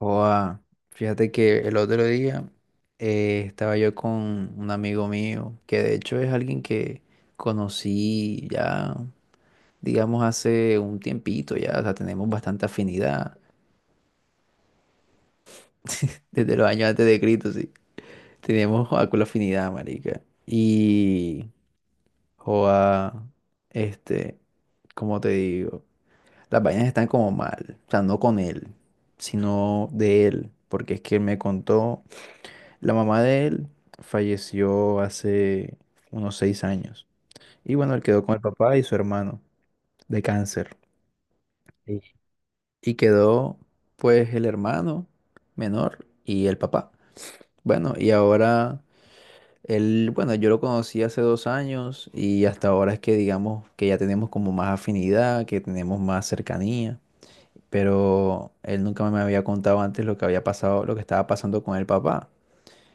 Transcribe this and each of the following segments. Joa, fíjate que el otro día estaba yo con un amigo mío, que de hecho es alguien que conocí ya, digamos, hace un tiempito ya, o sea, tenemos bastante afinidad, desde los años antes de Cristo, sí, tenemos joa, con la afinidad, marica. Y, joa, este, como te digo, las vainas están como mal, o sea, no con él, sino de él, porque es que él me contó. La mamá de él falleció hace unos 6 años. Y bueno, él quedó con el papá y su hermano de cáncer. Y quedó pues el hermano menor y el papá. Bueno, y ahora él, bueno, yo lo conocí hace 2 años y hasta ahora es que digamos que ya tenemos como más afinidad, que tenemos más cercanía. Pero él nunca me había contado antes lo que había pasado, lo que estaba pasando con el papá.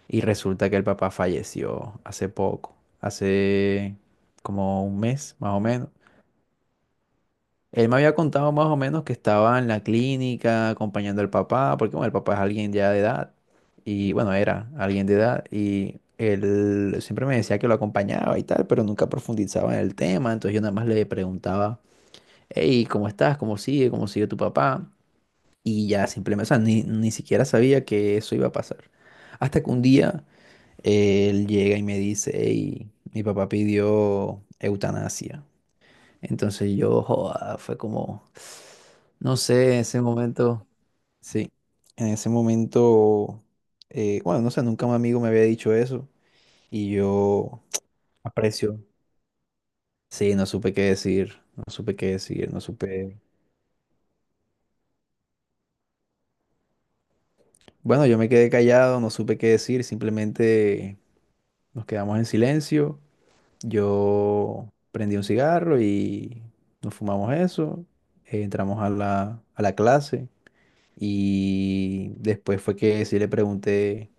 Y resulta que el papá falleció hace poco, hace como un mes más o menos. Él me había contado más o menos que estaba en la clínica acompañando al papá, porque bueno, el papá es alguien ya de edad, y bueno, era alguien de edad, y él siempre me decía que lo acompañaba y tal, pero nunca profundizaba en el tema, entonces yo nada más le preguntaba, hey, ¿cómo estás? ¿Cómo sigue? ¿Cómo sigue tu papá? Y ya simplemente, o sea, ni siquiera sabía que eso iba a pasar. Hasta que un día... Él llega y me dice, hey, mi papá pidió eutanasia. Entonces yo, joda, fue como, no sé, en ese momento, sí, en ese momento, bueno, no sé, nunca un amigo me había dicho eso y yo aprecio. Sí, no supe qué decir, no supe qué decir, no supe. Bueno, yo me quedé callado, no supe qué decir, simplemente nos quedamos en silencio. Yo prendí un cigarro y nos fumamos eso. Entramos a la clase y después fue que sí le pregunté,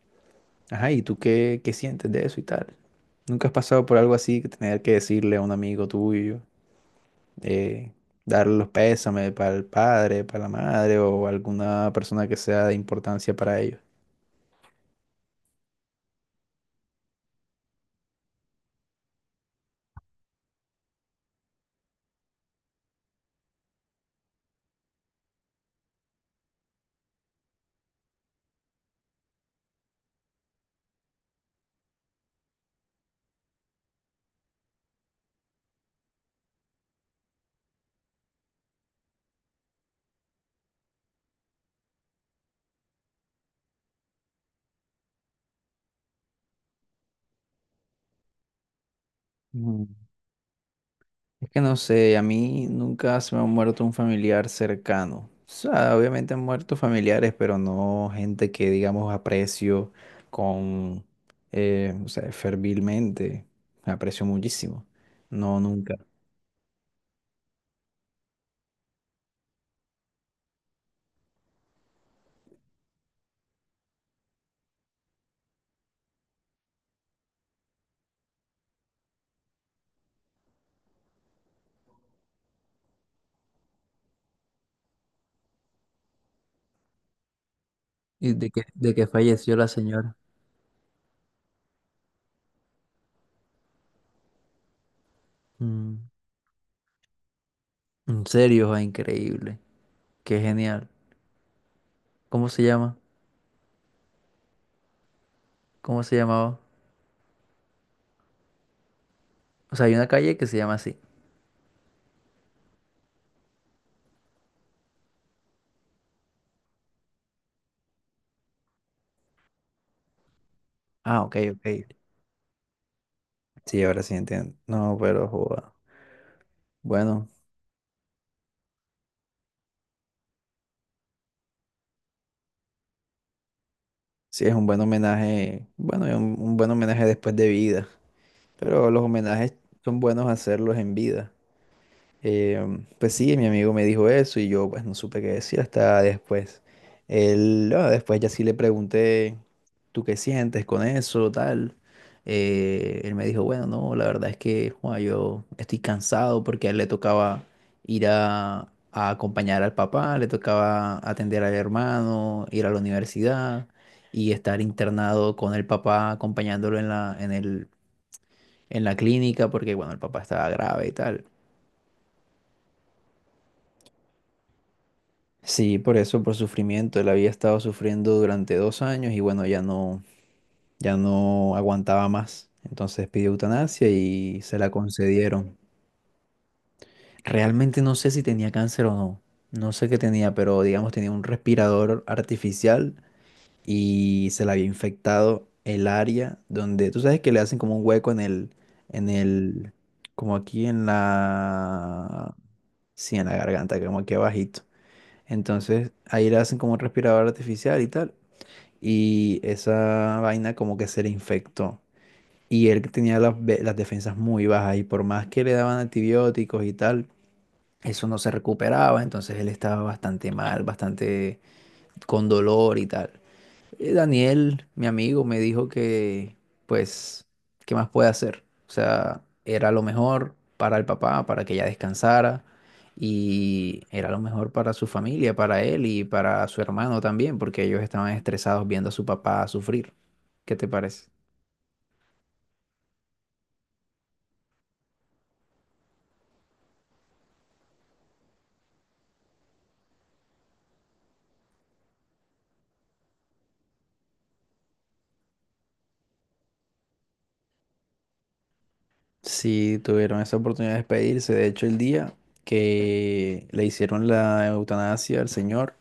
ajá, ¿y tú qué sientes de eso y tal? ¿Nunca has pasado por algo así que tener que decirle a un amigo tuyo, eh, darle los pésames para el padre, para la madre o alguna persona que sea de importancia para ellos? Mm. Es que no sé, a mí nunca se me ha muerto un familiar cercano. O sea, obviamente han muerto familiares, pero no gente que, digamos, aprecio con, o sea, fervilmente. Aprecio muchísimo. No, nunca. Y de que falleció la señora. Mm, en serio, ah, increíble. Qué genial. ¿Cómo se llama? ¿Cómo se llamaba? O sea, hay una calle que se llama así. Ah, ok, ok. Sí, ahora sí entiendo. No, pero joda. Bueno. Sí, es un buen homenaje, bueno, es un buen homenaje después de vida, pero los homenajes son buenos hacerlos en vida. Eh, pues sí, mi amigo me dijo eso y yo pues no supe qué decir hasta después. Él, ah, después ya sí le pregunté, ¿tú qué sientes con eso, tal? Él me dijo, bueno, no, la verdad es que joa, yo estoy cansado porque a él le tocaba ir a acompañar al papá, le tocaba atender al hermano, ir a la universidad y estar internado con el papá acompañándolo en la clínica porque, bueno, el papá estaba grave y tal. Sí, por eso, por sufrimiento. Él había estado sufriendo durante 2 años y bueno, ya no aguantaba más. Entonces pidió eutanasia y se la concedieron. Realmente no sé si tenía cáncer o no. No sé qué tenía, pero digamos tenía un respirador artificial y se le había infectado el área donde, tú sabes que le hacen como un hueco en el, como aquí en la, sí, en la garganta, como aquí abajito. Entonces ahí le hacen como un respirador artificial y tal. Y esa vaina como que se le infectó. Y él tenía las defensas muy bajas y por más que le daban antibióticos y tal, eso no se recuperaba, entonces él estaba bastante mal, bastante con dolor y tal. Daniel, mi amigo, me dijo que, pues, ¿qué más puede hacer? O sea, era lo mejor para el papá, para que ella descansara, y era lo mejor para su familia, para él y para su hermano también, porque ellos estaban estresados viendo a su papá sufrir. ¿Qué te parece? Sí, tuvieron esa oportunidad de despedirse. De hecho, el día que le hicieron la eutanasia al señor,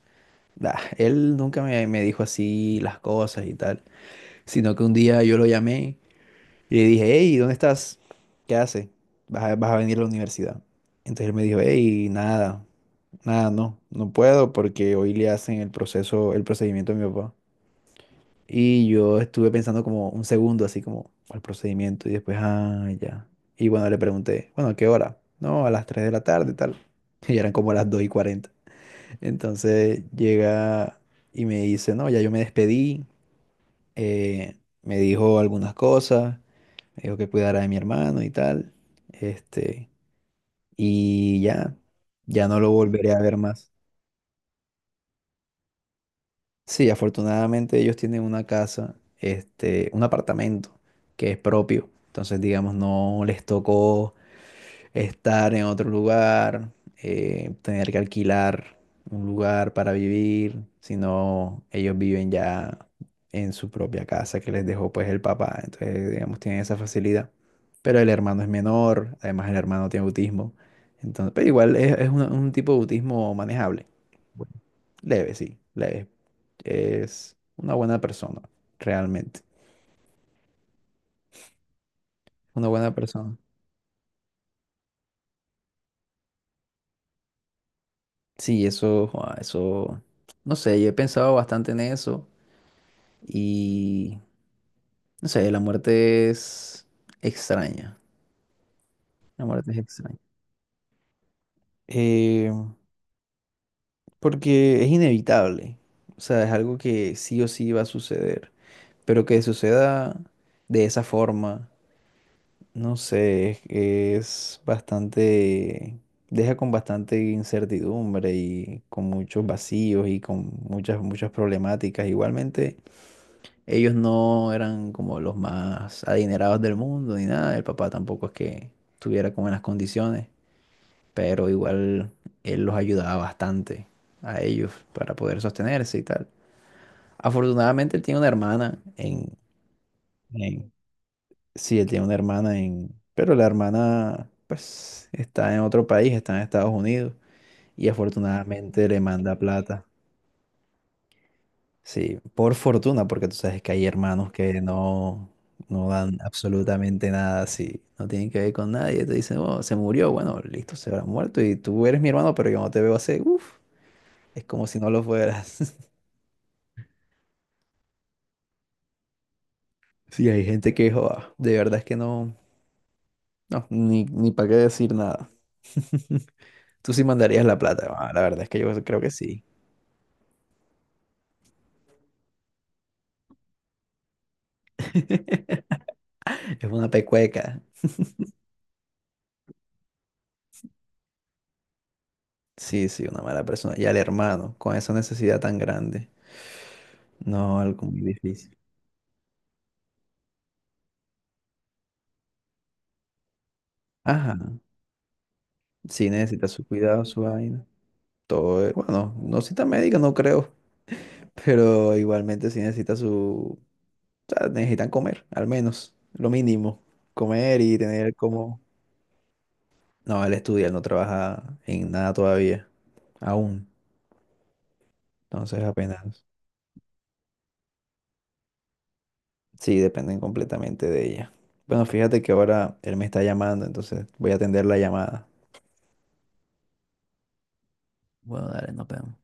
bah, él nunca me dijo así las cosas y tal, sino que un día yo lo llamé y le dije, hey, ¿dónde estás? ¿Qué haces? ¿Vas a venir a la universidad? Entonces él me dijo, hey, nada, nada, no, no puedo porque hoy le hacen el proceso, el procedimiento a mi papá. Y yo estuve pensando como un segundo, así como al procedimiento, y después, ah, ya. Y bueno, le pregunté, bueno, ¿a qué hora? No, a las 3 de la tarde, tal. Y eran como las 2:40. Entonces llega y me dice, no, ya yo me despedí, eh, me dijo algunas cosas. Me dijo que cuidara de mi hermano y tal. Este, y ya, ya no lo volveré a ver más. Sí, afortunadamente ellos tienen una casa, este, un apartamento que es propio. Entonces, digamos, no les tocó estar en otro lugar, tener que alquilar un lugar para vivir, sino ellos viven ya en su propia casa que les dejó pues el papá, entonces digamos tienen esa facilidad. Pero el hermano es menor, además el hermano tiene autismo, entonces, pero igual es un tipo de autismo manejable, leve, sí, leve. Es una buena persona, realmente, una buena persona. Sí, eso, joa, eso, no sé, yo he pensado bastante en eso. Y no sé, la muerte es extraña. La muerte es extraña. Eh, Porque es inevitable. O sea, es algo que sí o sí va a suceder. Pero que suceda de esa forma, no sé, es bastante... Deja con bastante incertidumbre y con muchos vacíos y con muchas, muchas problemáticas. Igualmente, ellos no eran como los más adinerados del mundo ni nada. El papá tampoco es que estuviera como en las condiciones, pero igual él los ayudaba bastante a ellos para poder sostenerse y tal. Afortunadamente él tiene una hermana en, en- sí, él tiene una hermana en, pero la hermana pues está en otro país, está en Estados Unidos y afortunadamente le manda plata. Sí, por fortuna, porque tú sabes que hay hermanos que no, no dan absolutamente nada, sí, no tienen que ver con nadie, te dicen, oh, se murió, bueno, listo, se habrá muerto y tú eres mi hermano, pero yo no te veo hace, uff, es como si no lo fueras. Sí, hay gente que, joda, de verdad es que no, no, ni para qué decir nada. Tú sí mandarías la plata, ah, la verdad es que yo creo que sí. Es una pecueca. Sí, sí, una mala persona. Y al hermano, con esa necesidad tan grande. No, algo muy difícil. Ajá. Sí necesita su cuidado, su vaina. Todo, bueno, no cita médica, no creo, pero igualmente sí necesita su, o sea, necesitan comer, al menos, lo mínimo, comer y tener como... No, él estudia, él no trabaja en nada todavía, aún, entonces apenas, sí, dependen completamente de ella. Bueno, fíjate que ahora él me está llamando, entonces voy a atender la llamada. Bueno, dale, nos vemos.